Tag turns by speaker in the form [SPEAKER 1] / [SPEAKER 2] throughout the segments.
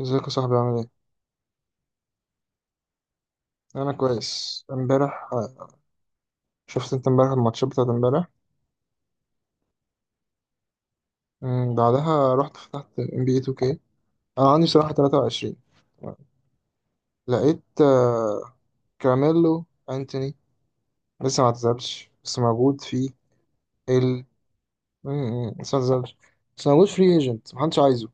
[SPEAKER 1] ازيك يا صاحبي؟ عامل ايه؟ انا كويس. امبارح شفت انت امبارح الماتشات بتاعت امبارح. بعدها رحت فتحت ام بي اي 2K. انا عندي صراحة 23. لقيت كراميلو انتوني لسه ما اعتزلش، بس موجود في ال مم، لسه ما اعتزلش، بس موجود فري ايجنت، محدش عايزه.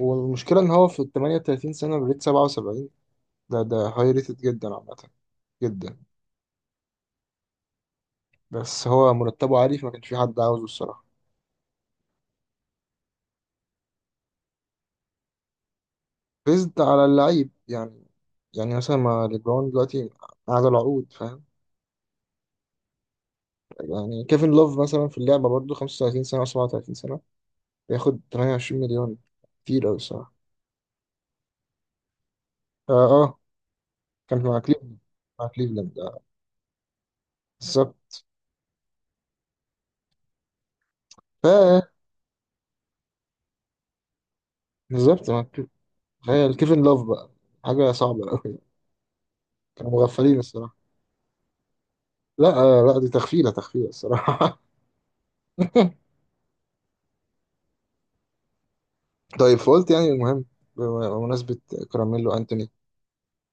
[SPEAKER 1] والمشكلة ان هو في ال 38 سنة بريت 77. ده هاي ريتد جدا، عامة جدا. بس هو مرتبه عالي، فما كانش في حد عاوزه الصراحة. بيزد على اللعيب يعني. يعني مثلا ما ليبرون دلوقتي قاعد العقود، فاهم؟ يعني كيفن لوف مثلا في اللعبة برضه 35 سنة أو 37 سنة، بياخد 28 مليون. كتير أوي الصراحة. آه, آه. كان مع كليفلاند، مع كليفلاند آه. بالظبط. فا بالظبط. تخيل كيفن لوف بقى، حاجة صعبة أوي. كانوا مغفلين الصراحة. لا آه، لا، دي تغفيلة تغفيلة الصراحة. طيب، فقلت يعني المهم، بمناسبة كراميلو أنتوني،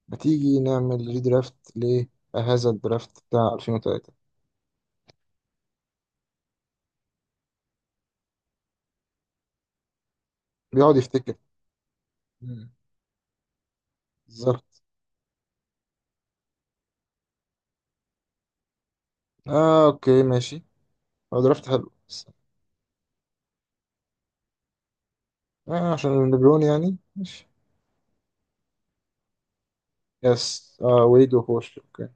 [SPEAKER 1] ما تيجي نعمل ريدرافت لهذا الدرافت بتاع 2003؟ بيقعد يفتكر. مم. بالظبط. آه أوكي ماشي. هو درافت حلو، بس آه عشان ليبرون يعني، ماشي. يس آه، ويد وبوش، أوكي.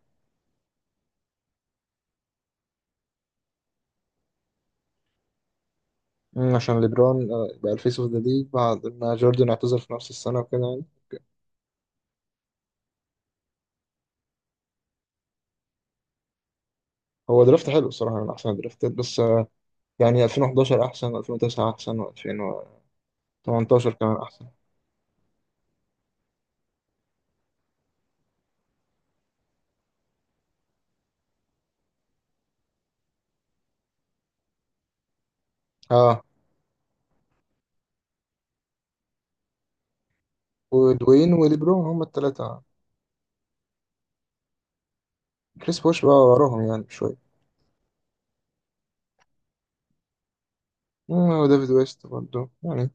[SPEAKER 1] مم، عشان ليبرون آه بقى الفيس أوف ذا ليج بعد ما جوردن اعتزل في نفس السنة وكده يعني. هو درافت حلو الصراحة، من أحسن الدرافتات، بس يعني 2011 أحسن، و2009 أحسن، و2018 كمان أحسن. آه ودوين وليبرون، هما التلاتة. كريس بوش بقى وراهم يعني شوية. مم، هو دافيد ويست برضه يعني.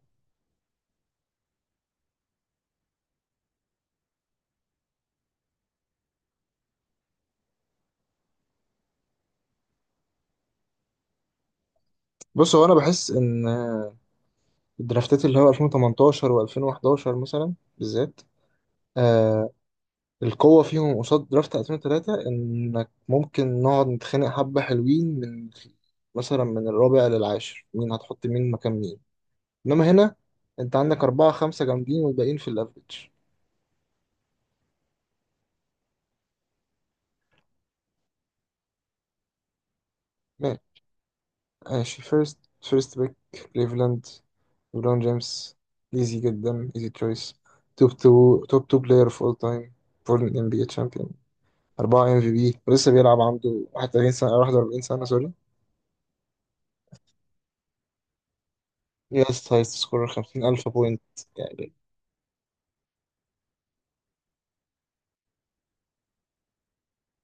[SPEAKER 1] بص، هو انا بحس ان الدرافتات اللي هو 2018 و2011 مثلا بالذات، آه القوة فيهم قصاد درافت 2003، انك ممكن نقعد نتخانق حبة حلوين من، مثلا من الرابع للعاشر، مين هتحط مين مكان مين. انما هنا انت عندك أربعة خمسة جامدين، والباقيين في الافريج. ماشي، فيرست فيرست بيك، كليفلاند، ليبرون جيمس. ايزي جدا، ايزي تشويس. توب 2 بلاير اوف اول تايم. فور ام بي اي تشامبيون، 4 ام في بي، ولسه بيلعب. عنده 31 سنه، 41 سنه سوري. يس، هايست سكور، 50,000 بوينت يعني.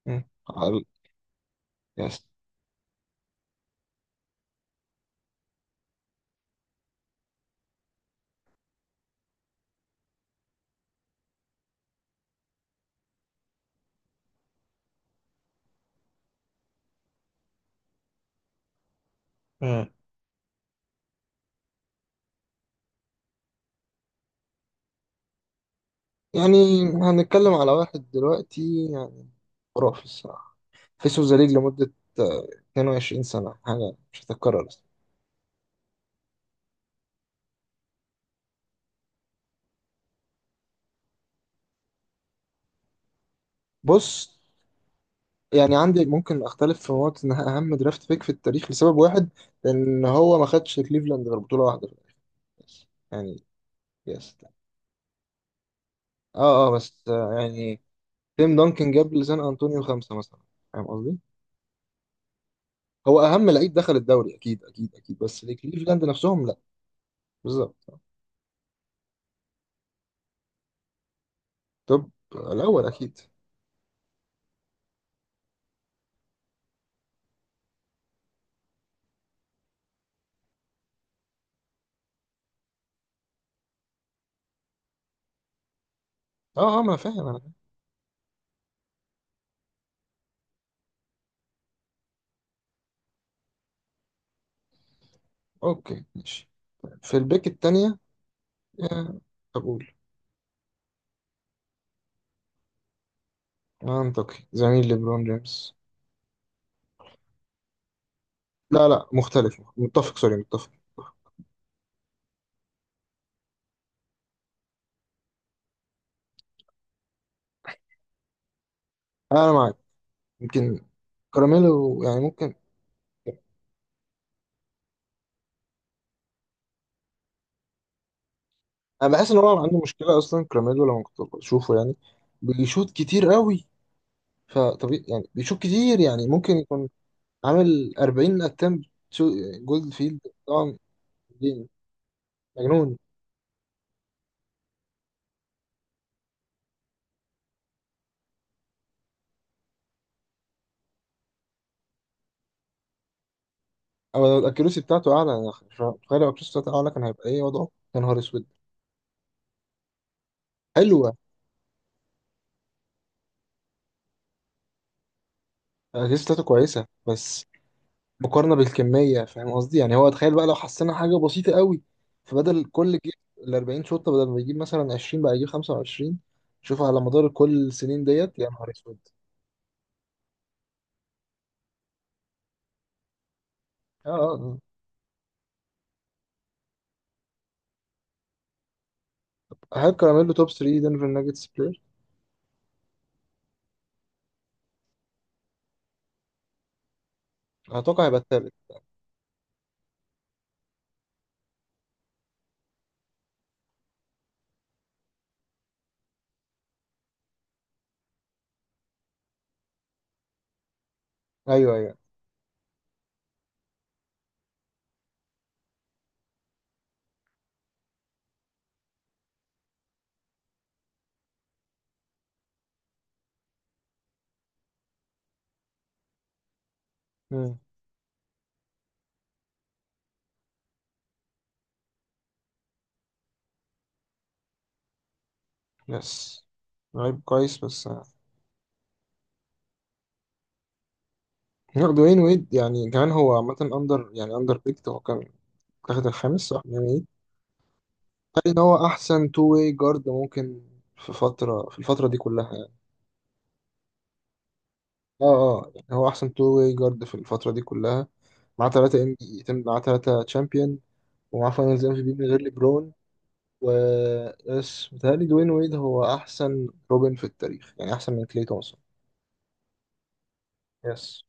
[SPEAKER 1] مم. عقل. يس. مم. يعني هنتكلم على واحد دلوقتي يعني خرافي الصراحه. فيس اوف ذا ليج لمده آه، 22 سنه، حاجه مش هتتكرر. بص، يعني عندي ممكن اختلف في نقطة ان اهم درافت بيك في التاريخ، لسبب واحد، لان هو ما خدش كليفلاند غير بطولة واحدة في التاريخ بس يعني. يس. اه اه، بس يعني تيم دانكن جاب لسان انطونيو خمسة مثلا. فاهم قصدي؟ هو اهم لعيب دخل الدوري، اكيد اكيد اكيد، بس كليفلاند نفسهم لا. بالظبط. طب الاول اكيد. اه اه، ما انا فاهم، انا فاهم. اوكي ماشي. في البيك التانية آه، اقول منطقي زميل ليبرون جيمس. لا لا، متفق، سوري، متفق. انا معاك. يمكن كراميلو يعني ممكن. انا بحس ان هو عنده مشكله اصلا، كراميلو، لما كنت بشوفه يعني بيشوط كتير قوي. فطبيعي يعني بيشوط كتير، يعني ممكن يكون عامل 40 اتمت. جولد فيلد. طبعا. دي مجنون. او لو الاكيروسي بتاعته اعلى، يعني تخيل لو الاكيروسي بتاعته اعلى كان هيبقى ايه وضعه. يا نهار اسود. حلوه. الاكيروسي بتاعته كويسه، بس مقارنة بالكمية، فاهم قصدي؟ يعني هو تخيل بقى لو حسنا حاجة بسيطة قوي، فبدل كل جيب ال 40 شوطة، بدل ما يجيب مثلا 20 بقى يجيب 25، شوف على مدار كل السنين ديت، يا نهار اسود. اه اه آه. هل كراميلو توب 3 دنفر ناجتس بلاير؟ اتوقع هيبقى التالت. ايوه ايوه. امم. يس. لعيب كويس، بس آه. لا، دوين ويد يعني كمان هو عامة اندر، يعني اندر بيكت. هو كان تاخد الخامس صح يعني، ايه. قال ان هو احسن تو واي جارد ممكن في فترة، في الفترة دي كلها. اه اه، يعني هو احسن تو واي جارد في الفتره دي كلها. معاه ثلاثه ام بي، معاه ثلاثه تشامبيون، ومعاه فاينلز ام في بي من غير ليبرون. و، بس متهيألي دوين ويد هو احسن روبن في التاريخ، يعني احسن من كلي تومسون. يس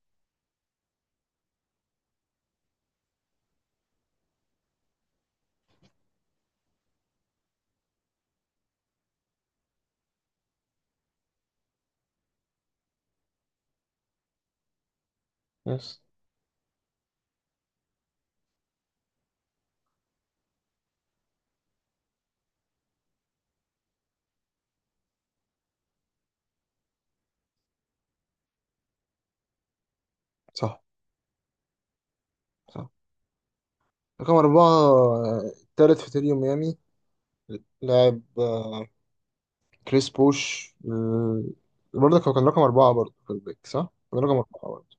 [SPEAKER 1] يس. صح. صح. رقم أربعة التالت في تريو ميامي. لاعب كريس بوش برضه هو كان رقم أربعة برضه في البيك صح؟ كان رقم أربعة برضه.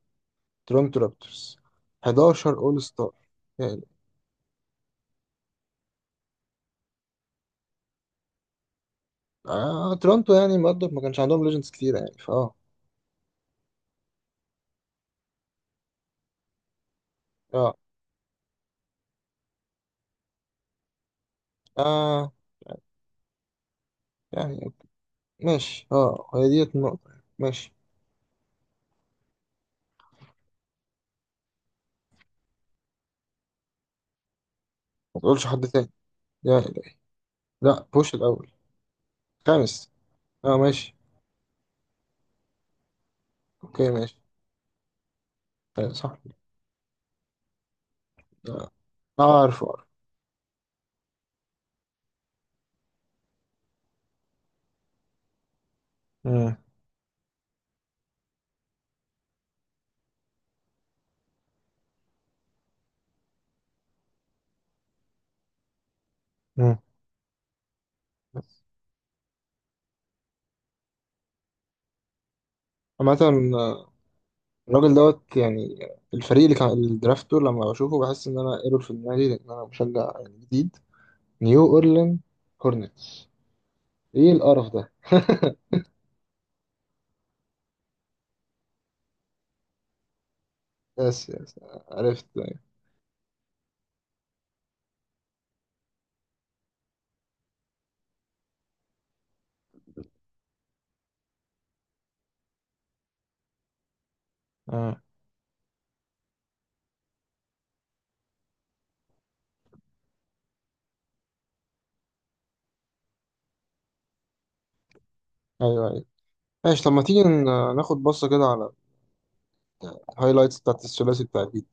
[SPEAKER 1] تورنتو رابترز، 11 أول ستار. آه تورونتو يعني برضه ما كانش عندهم ليجندز كتير يعني فاه. اه اه يعني. ماشي. اه، هي ديت النقطة يعني. ماشي. ما تقولش حد تاني. يا إلهي. لا، بوش الأول. خامس. اه ماشي. اوكي ماشي. آه صح. اه آه، عارفه عارفه. مم. مم. بس عامة آه، الراجل دوت يعني. الفريق اللي كان الدرافت دول لما بشوفه بحس إن أنا ايرور في دماغي، لأن أنا مشجع يعني جديد نيو أورلين هورنتس، إيه القرف ده؟ يس يس. عرفت. ايوه ايوه. ماشي، طب ما تيجي ناخد بصة كده على الهايلايتس بتاعت الثلاثي بتاع الجيل.